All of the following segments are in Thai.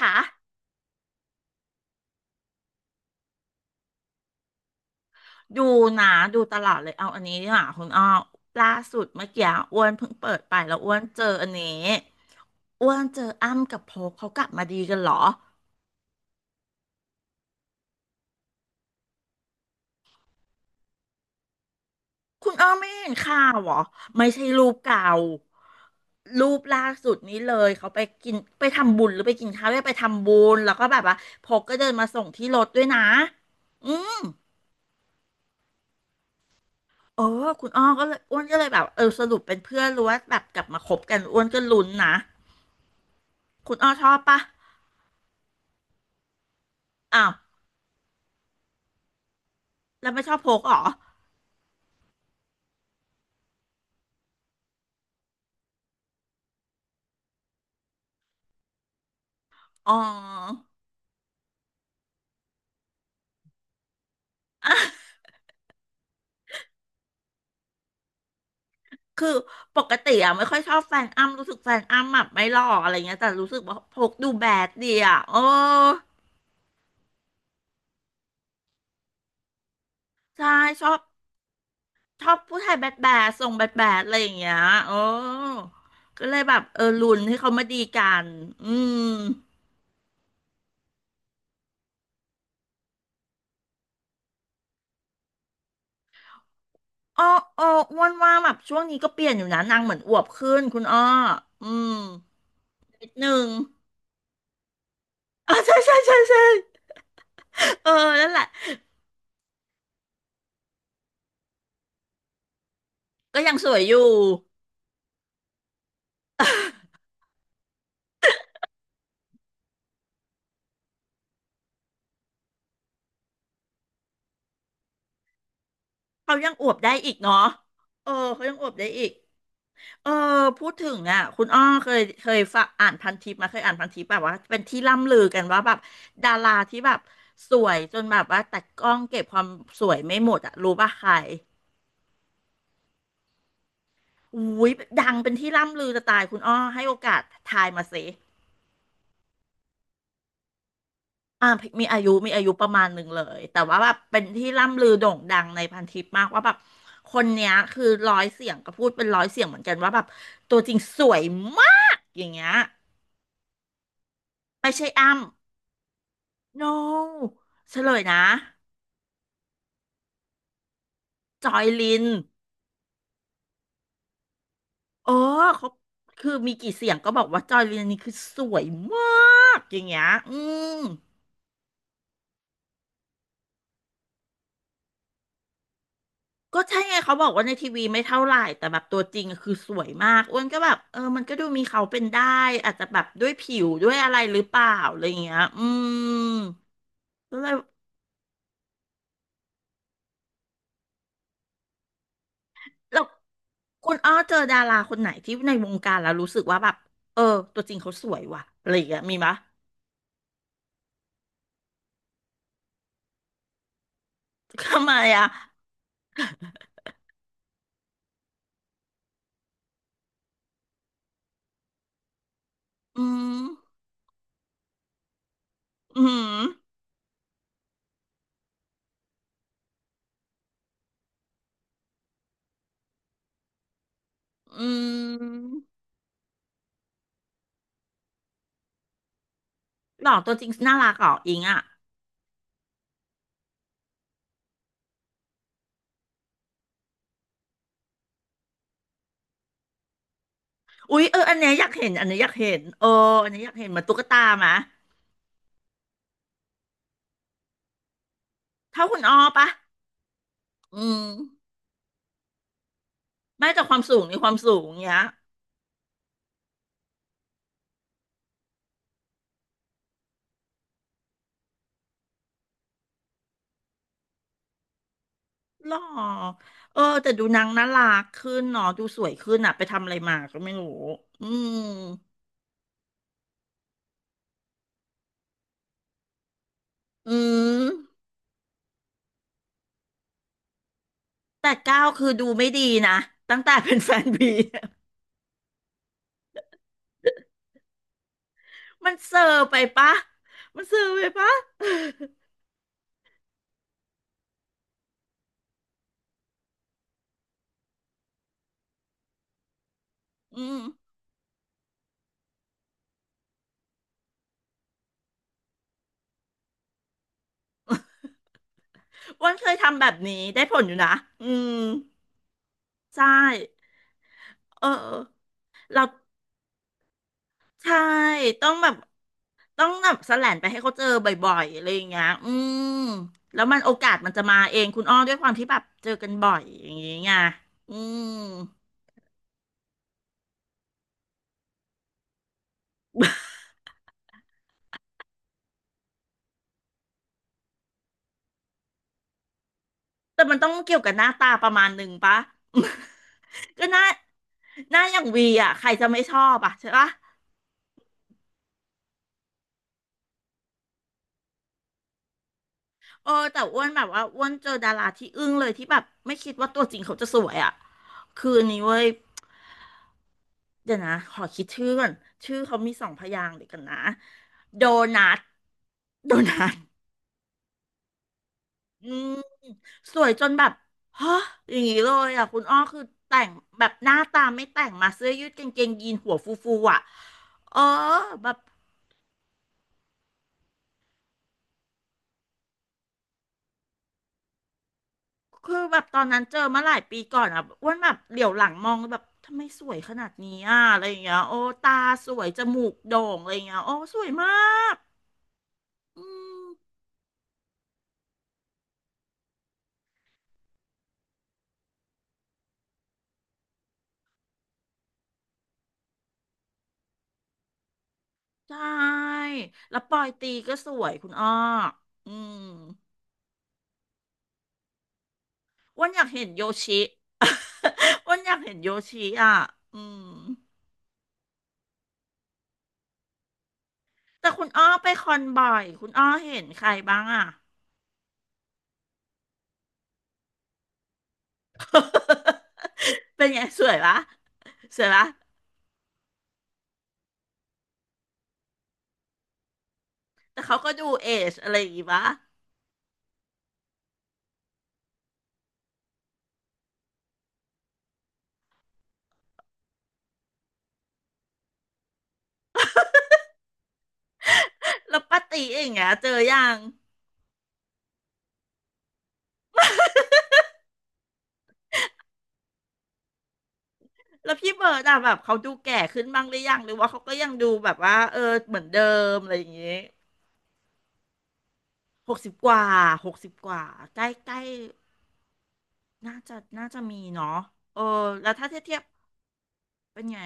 ค่ะดูนะ ดูตลอดเลยเอาอันนี้ดีกว่าคุณอ้อล่าสุดเมื่อกี้อ้วนเพิ่งเปิดไปแล้วอ้วนเจออันนี้อ้วนเจออ้ำกับโพกเขากลับมาดีกันเหรอคุณอ้อไม่เห็นข่าวเหรอไม่ใช่รูปเก่ารูปล่าสุดนี้เลยเขาไปกินไปทำบุญหรือไปกินข้าวด้วยไปทำบุญแล้วก็แบบว่าโพกก็เดินมาส่งที่รถด้วยนะอืมเออคุณอ้อก็เลยอ้วนก็เลยแบบเออสรุปเป็นเพื่อนหรู้ว่าแบบกลับมาคบกันอ้วนก็ลุ้นนะคุณอ้อชอบปะ อ้าวแล้วไม่ชอบโพกเหรออ๋อ อ่ะคือปกติอ่ะไม่ค่อยชอบแฟนอ้ำรู้สึกแฟนอ้ำแบบไม่หล่ออะไรเงี้ยแต่รู้สึกว่าโพกดูแบดดีอ่ะโอ้ใช่ชอบชอบผู้ชายแบดแบดทรงแบดแบดอะไรอย่างเงี้ยโอ้ก็เลยแบบเออลุ้นให้เขามาดีกัน อืมอ้ออ้ออ้วนว่าแบบช่วงนี้ก็เปลี่ยนอยู่นะนางเหมือนอวบขึ้นคุณอ้ออืมนิดนึง อ๋อใช่ใช่ใช่ใช่เออนั่นแหละก็ยังสวยอยู่ เขายังอวบได้อีกเนาะเออเขายังอวบได้อีกเออพูดถึงอ่ะคุณอ้อเคยฝากอ่านพันทิปมาเคยอ่านพันทิปแบบว่าเป็นที่ล่ำลือกันว่าแบบดาราที่แบบสวยจนแบบว่าแต่กล้องเก็บความสวยไม่หมดอ่ะรู้ป่ะใครอุ้ยดังเป็นที่ล่ำลือจะตายคุณอ้อให้โอกาสทายมาสิ อ่ามีอายุมีอายุประมาณหนึ่งเลยแต่ว่าแบบเป็นที่ล่ำลือโด่งดังในพันทิปมากว่าแบบคนเนี้ยคือร้อยเสียงก็พูดเป็นร้อยเสียงเหมือนกันว่าแบบตัวจริงสวยมากอย่างเงี้ยไม่ใช่อ้ำ no เฉลยนะจอยลินเออเขาคือมีกี่เสียงก็บอกว่าจอยลินนี่คือสวยมากอย่างเงี้ยอืม ก็ใช่ไงเขาบอกว่าในทีวีไม่เท่าไหร่แต่แบบตัวจริงอะคือสวยมากอ้วนก็แบบเออมันก็ดูมีเขาเป็นได้อาจจะแบบด้วยผิวด้วยอะไรหรือเปล่าอะไรอย่างเงี้ยอืมก็เลยแล้วคุณอ้อเจอดาราคนไหนที่ในวงการแล้วรู้สึกว่าแบบเออตัวจริงเขาสวยว่ะอะไรอย่างเงี้ยมีปะทำไมอ่ะอืมอืมอืมหล่อตัวจริงน่ารักเหรออิงอ่ะอุ๊ยเอออันเนี้ยอยากเห็นอันเนี้ยอยากเห็นเอออันเนี้ยอยากเห็นเหมือนตุ๊กตาไหมเท่าคุณอ้อปะ อืมได้จากความสูงในความสูงเนี้ยหรอเออแต่ดูนางน่ารักขึ้นเนาะดูสวยขึ้นอะไปทำอะไรมาก็ไม่รู้อืมอืมแต่ก้าวคือดูไม่ดีนะตั้งแต่เป็นแฟนบี มันเซอร์ไปปะมันเซอร์ไปปะ อืมอ้วันเคยทำแบบนี้ได้ผลอยู่นะอืมใช่เออเรา ใช่ต้องแบบต้องแบบแสแลนไปให้เขาเจอบ่อยๆอะไรอย่างเงี้ยอืมแล้วมันโอกาสมันจะมาเองคุณอ้อด้วยความที่แบบเจอกันบ่อยอย่างเงี้ยอืม แต่มันต้องเกี่ยวกับหน้าตาประมาณหนึ่งปะ ก็หน้าหน้าอย่างวีอ่ะใครจะไม่ชอบอ่ะใช่ปะเออแต่อ้วนแบบว่าอ้วนเจอดาราที่อึ้งเลยที่แบบไม่คิดว่าตัวจริงเขาจะสวยอ่ะคืออันนี้เว้ยเดี๋ยวนะขอคิดชื่อก่อนชื่อเขามีสองพยางค์เดี๋ยวกันนะโดนัท โดนัทอืม สวยจนแบบฮะอย่างนี้เลยอ่ะคุณอ้อคือแต่งแบบหน้าตาไม่แต่งมาเสื้อยืดกางเกงยีนหัวฟูๆอ่ะเออแบบคือแบบตอนนั้นเจอมาหลายปีก่อนอ่ะอ้วนแบบเหลียวหลังมองแบบทำไมสวยขนาดนี้อ่ะอะไรอย่างเงี้ยโอ้ตาสวยจมูกโด่งอะไรอย่างเงี้ยโอ้สวยมากอืมใช่แล้วปอยตีก็สวยคุณอ้ออืม อ้วนอยากเห็นโยชิ อ้วนอยากเห็นโยชิอ่ะอืมแต่คุณอ้อไปคอนบ่อยคุณอ้อเห็นใครบ้างอ่ะ เป็นไงสวยปะสวยปะแต่เขาก็ดูเอจอะไรอย่างงี้ปะแล้วป้าตีเอย่างเงี้ยเจอยังแล้วพี่เบิร์ดอะแบบเขาดูแก่ขึ้นบ้างหรือยังหรือว่าเขาก็ยังดูแบบว่าเออเหมือนเดิมอะไรอย่างงี้หกสิบกว่าหกสิบกว่าใกล้ใกล้น่าจะมีเนาะเออแล้วถ้าเทียบเป็นไง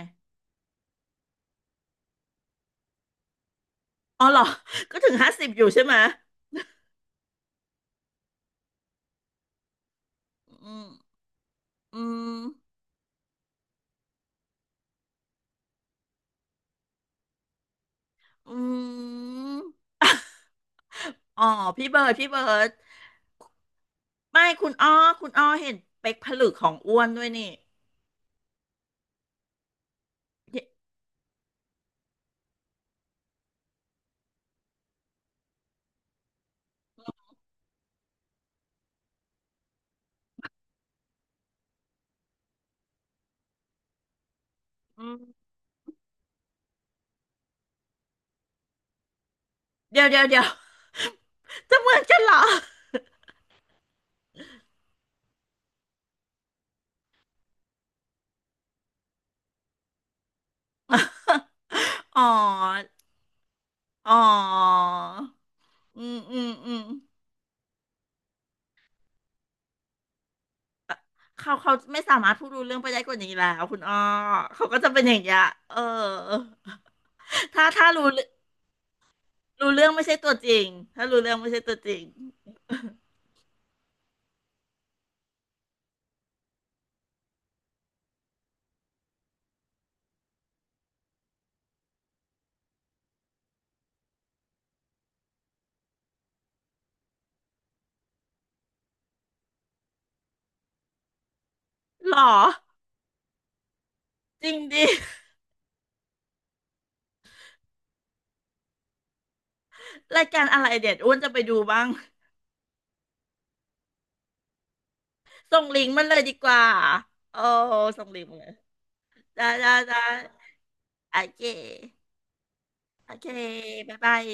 อ๋อเหรอ ก็ถึง50อยู่ใช่ไหมอืมอืมอืม อ๋อพี่เบิร์ดพี่เบิร์ดไม่คุณอ้อคุณอ้อเห็นเป๊กผลึกของอ้วนด้วยนี่เดี๋ยวอืมเดี๋ยวเดี๋ยวเดี๋ยว จะเหมือนกันเหรออ๋ออ๋ออืมอืมอืมเขาเขาไม่สามารถพูดรู้เรื่องไปได้กว่านี้แล้วคุณอ้อเขาก็จะเป็นอย่างเงี้ยเออถ้าถ้ารู้ รู้เรื่องไม่ใช่ตัวจริง ถ้ารู้เรื่องไม่ใช่ตัวจริง หรอ จริงดิรายการอะไรเด็ดอ้วนจะไปดูบ้าง ส่งลิงก์มันเลยดีกว่า โอ้ ส่งลิงก์มาเลยได้ได้ได้โอเคโอเคบ๊ายบาย